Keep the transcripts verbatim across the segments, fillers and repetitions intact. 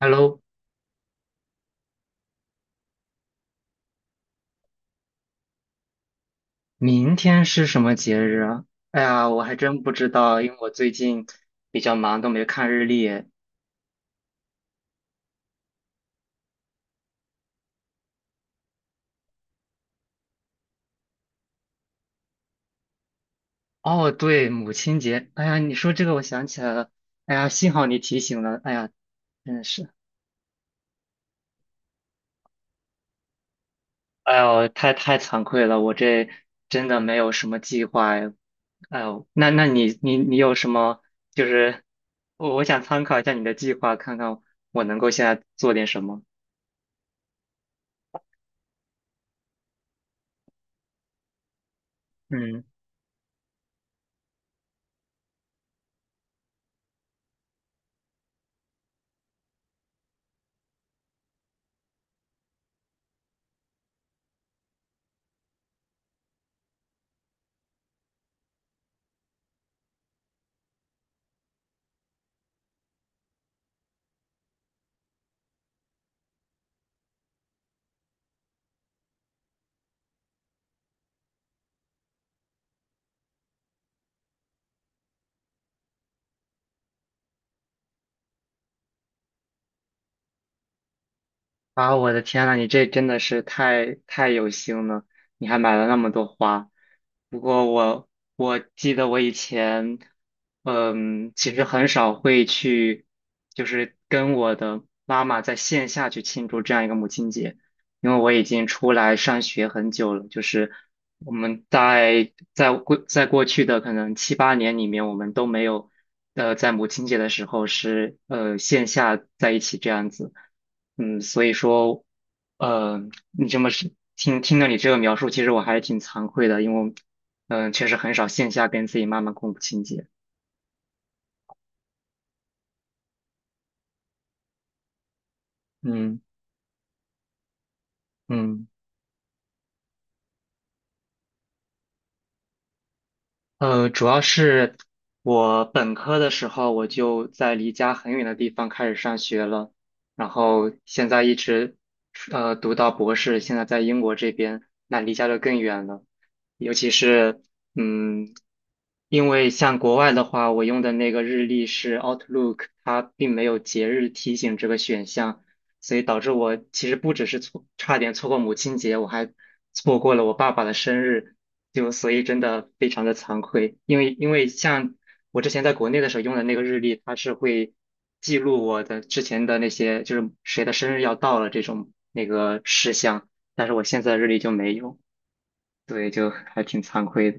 Hello，明天是什么节日啊？哎呀，我还真不知道，因为我最近比较忙，都没看日历。哦，对，母亲节。哎呀，你说这个，我想起来了。哎呀，幸好你提醒了。哎呀，真的是，哎呦，太太惭愧了，我这真的没有什么计划哎。哎呦，那那你你你有什么？就是我我想参考一下你的计划，看看我能够现在做点什么。嗯。啊，我的天呐，你这真的是太太有心了，你还买了那么多花。不过我我记得我以前，嗯，其实很少会去，就是跟我的妈妈在线下去庆祝这样一个母亲节。因为我已经出来上学很久了，就是我们在在过在过去的可能七八年里面，我们都没有呃在母亲节的时候是呃线下在一起这样子，嗯，所以说呃你这么是听听了你这个描述，其实我还是挺惭愧的，因为嗯、呃确实很少线下跟自己妈妈过母亲节，嗯嗯。呃，主要是我本科的时候我就在离家很远的地方开始上学了，然后现在一直呃读到博士，现在在英国这边，那离家就更远了。尤其是嗯，因为像国外的话，我用的那个日历是 Outlook，它并没有节日提醒这个选项，所以导致我其实不只是错，差点错过母亲节，我还错过了我爸爸的生日，就所以真的非常的惭愧，因为因为像我之前在国内的时候用的那个日历，它是会记录我的之前的那些，就是谁的生日要到了这种那个事项，但是我现在的日历就没有，对，就还挺惭愧的。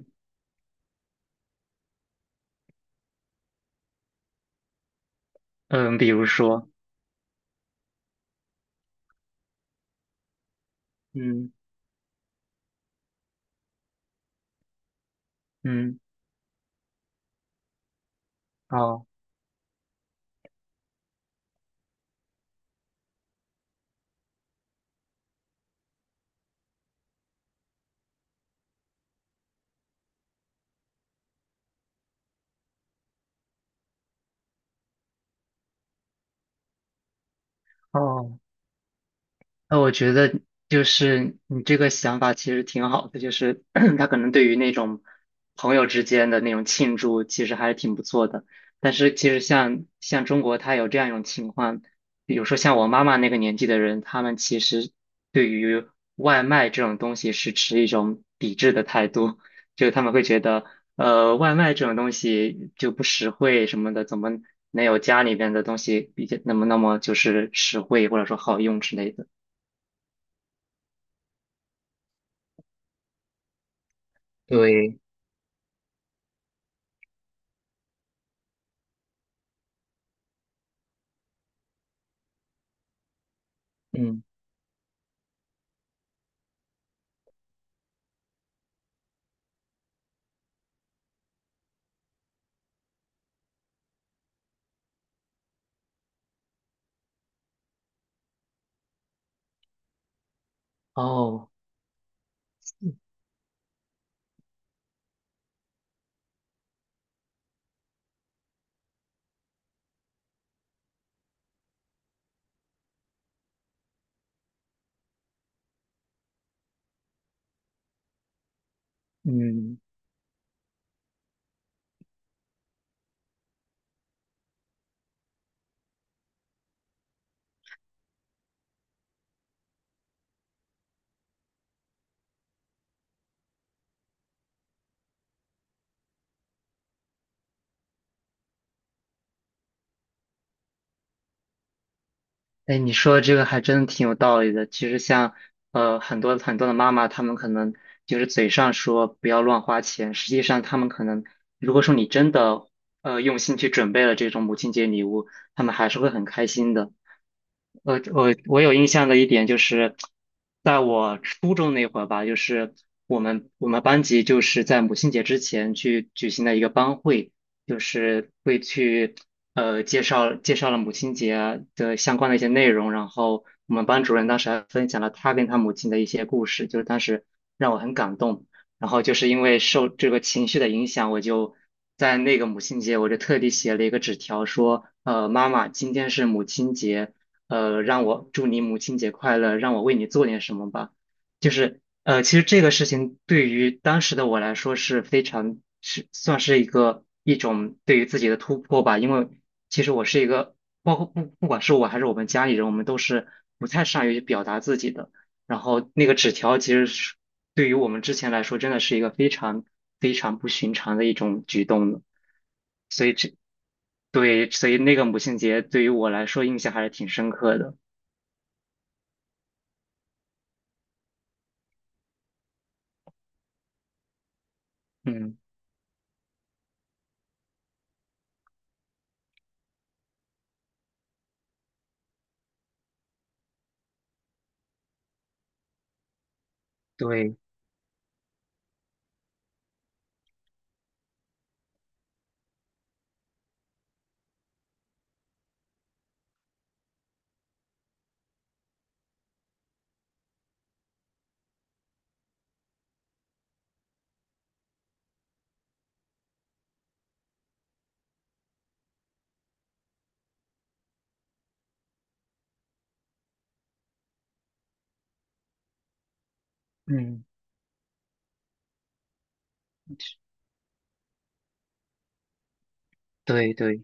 嗯，比如说，嗯嗯，哦哦。那我觉得就是你这个想法其实挺好的，就是 他可能对于那种朋友之间的那种庆祝，其实还是挺不错的。但是其实像像中国，他有这样一种情况，比如说像我妈妈那个年纪的人，他们其实对于外卖这种东西是持一种抵制的态度，就是他们会觉得，呃，外卖这种东西就不实惠什么的，怎么能有家里边的东西比较那么那么就是实惠或者说好用之类的。对，嗯，哦，嗯，哎，你说的这个还真的挺有道理的。其实像呃很多很多的妈妈，她们可能就是嘴上说不要乱花钱，实际上她们可能如果说你真的呃用心去准备了这种母亲节礼物，她们还是会很开心的。呃，我我有印象的一点就是，在我初中那会儿吧，就是我们我们班级就是在母亲节之前去举行的一个班会，就是会去呃介绍介绍了母亲节的相关的一些内容，然后我们班主任当时还分享了他跟他母亲的一些故事，就是当时让我很感动。然后就是因为受这个情绪的影响，我就在那个母亲节，我就特地写了一个纸条说，呃，妈妈，今天是母亲节。呃，让我祝你母亲节快乐，让我为你做点什么吧。就是呃，其实这个事情对于当时的我来说是非常是算是一个一种对于自己的突破吧，因为其实我是一个，包括不不管是我还是我们家里人，我们都是不太善于表达自己的。然后那个纸条其实是对于我们之前来说，真的是一个非常非常不寻常的一种举动的。所以这，对，所以那个母亲节对于我来说印象还是挺深刻的。嗯，对，嗯，对对。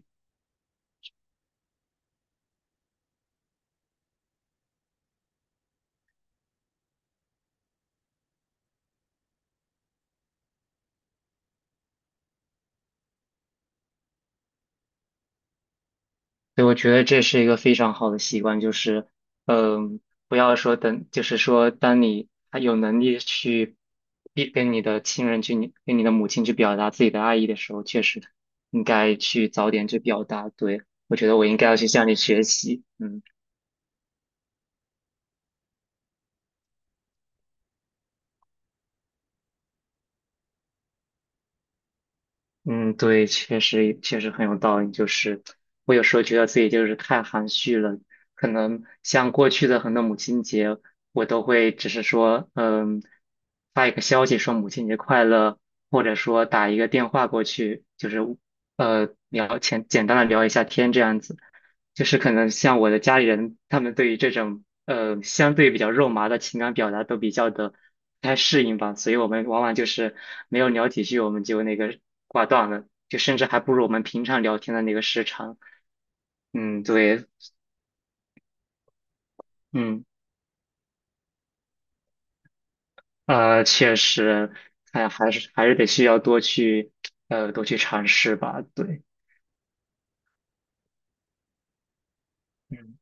对，我觉得这是一个非常好的习惯，就是，嗯，不要说等，就是说，当你还有能力去一跟你的亲人去，你跟你的母亲去表达自己的爱意的时候，确实应该去早点去表达。对，我觉得我应该要去向你学习。嗯。嗯，对，确实确实很有道理。就是我有时候觉得自己就是太含蓄了，可能像过去的很多母亲节，我都会只是说，嗯，发一个消息说母亲节快乐，或者说打一个电话过去，就是呃聊简简单的聊一下天这样子。就是可能像我的家里人，他们对于这种呃相对比较肉麻的情感表达都比较的不太适应吧，所以我们往往就是没有聊几句，我们就那个挂断了，就甚至还不如我们平常聊天的那个时长。嗯，对，嗯，呃，确实，哎，还是还是得需要多去呃多去尝试吧，对。嗯。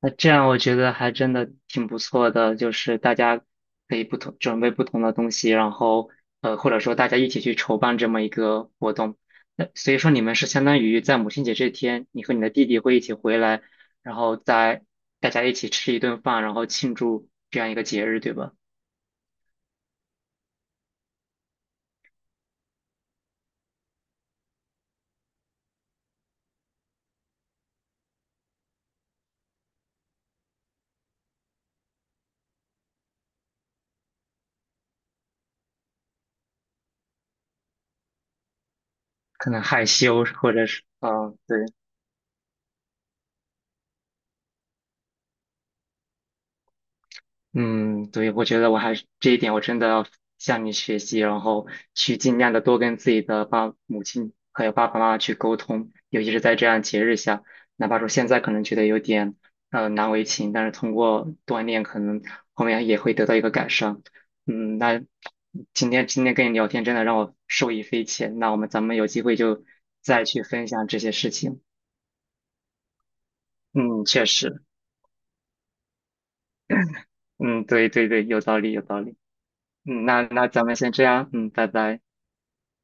那这样我觉得还真的挺不错的，就是大家可以不同准备不同的东西，然后呃，或者说大家一起去筹办这么一个活动。那所以说你们是相当于在母亲节这天，你和你的弟弟会一起回来，然后在大家一起吃一顿饭，然后庆祝这样一个节日，对吧？可能害羞或者是嗯，对。嗯，对，我觉得我还是这一点，我真的要向你学习，然后去尽量的多跟自己的爸母亲还有爸爸妈妈去沟通，尤其是在这样节日下，哪怕说现在可能觉得有点呃难为情，但是通过锻炼，可能后面也会得到一个改善。嗯，那今天今天跟你聊天，真的让我受益匪浅。那我们咱们有机会就再去分享这些事情。嗯，确实，嗯，对对对，有道理有道理。嗯，那那咱们先这样，嗯，拜拜。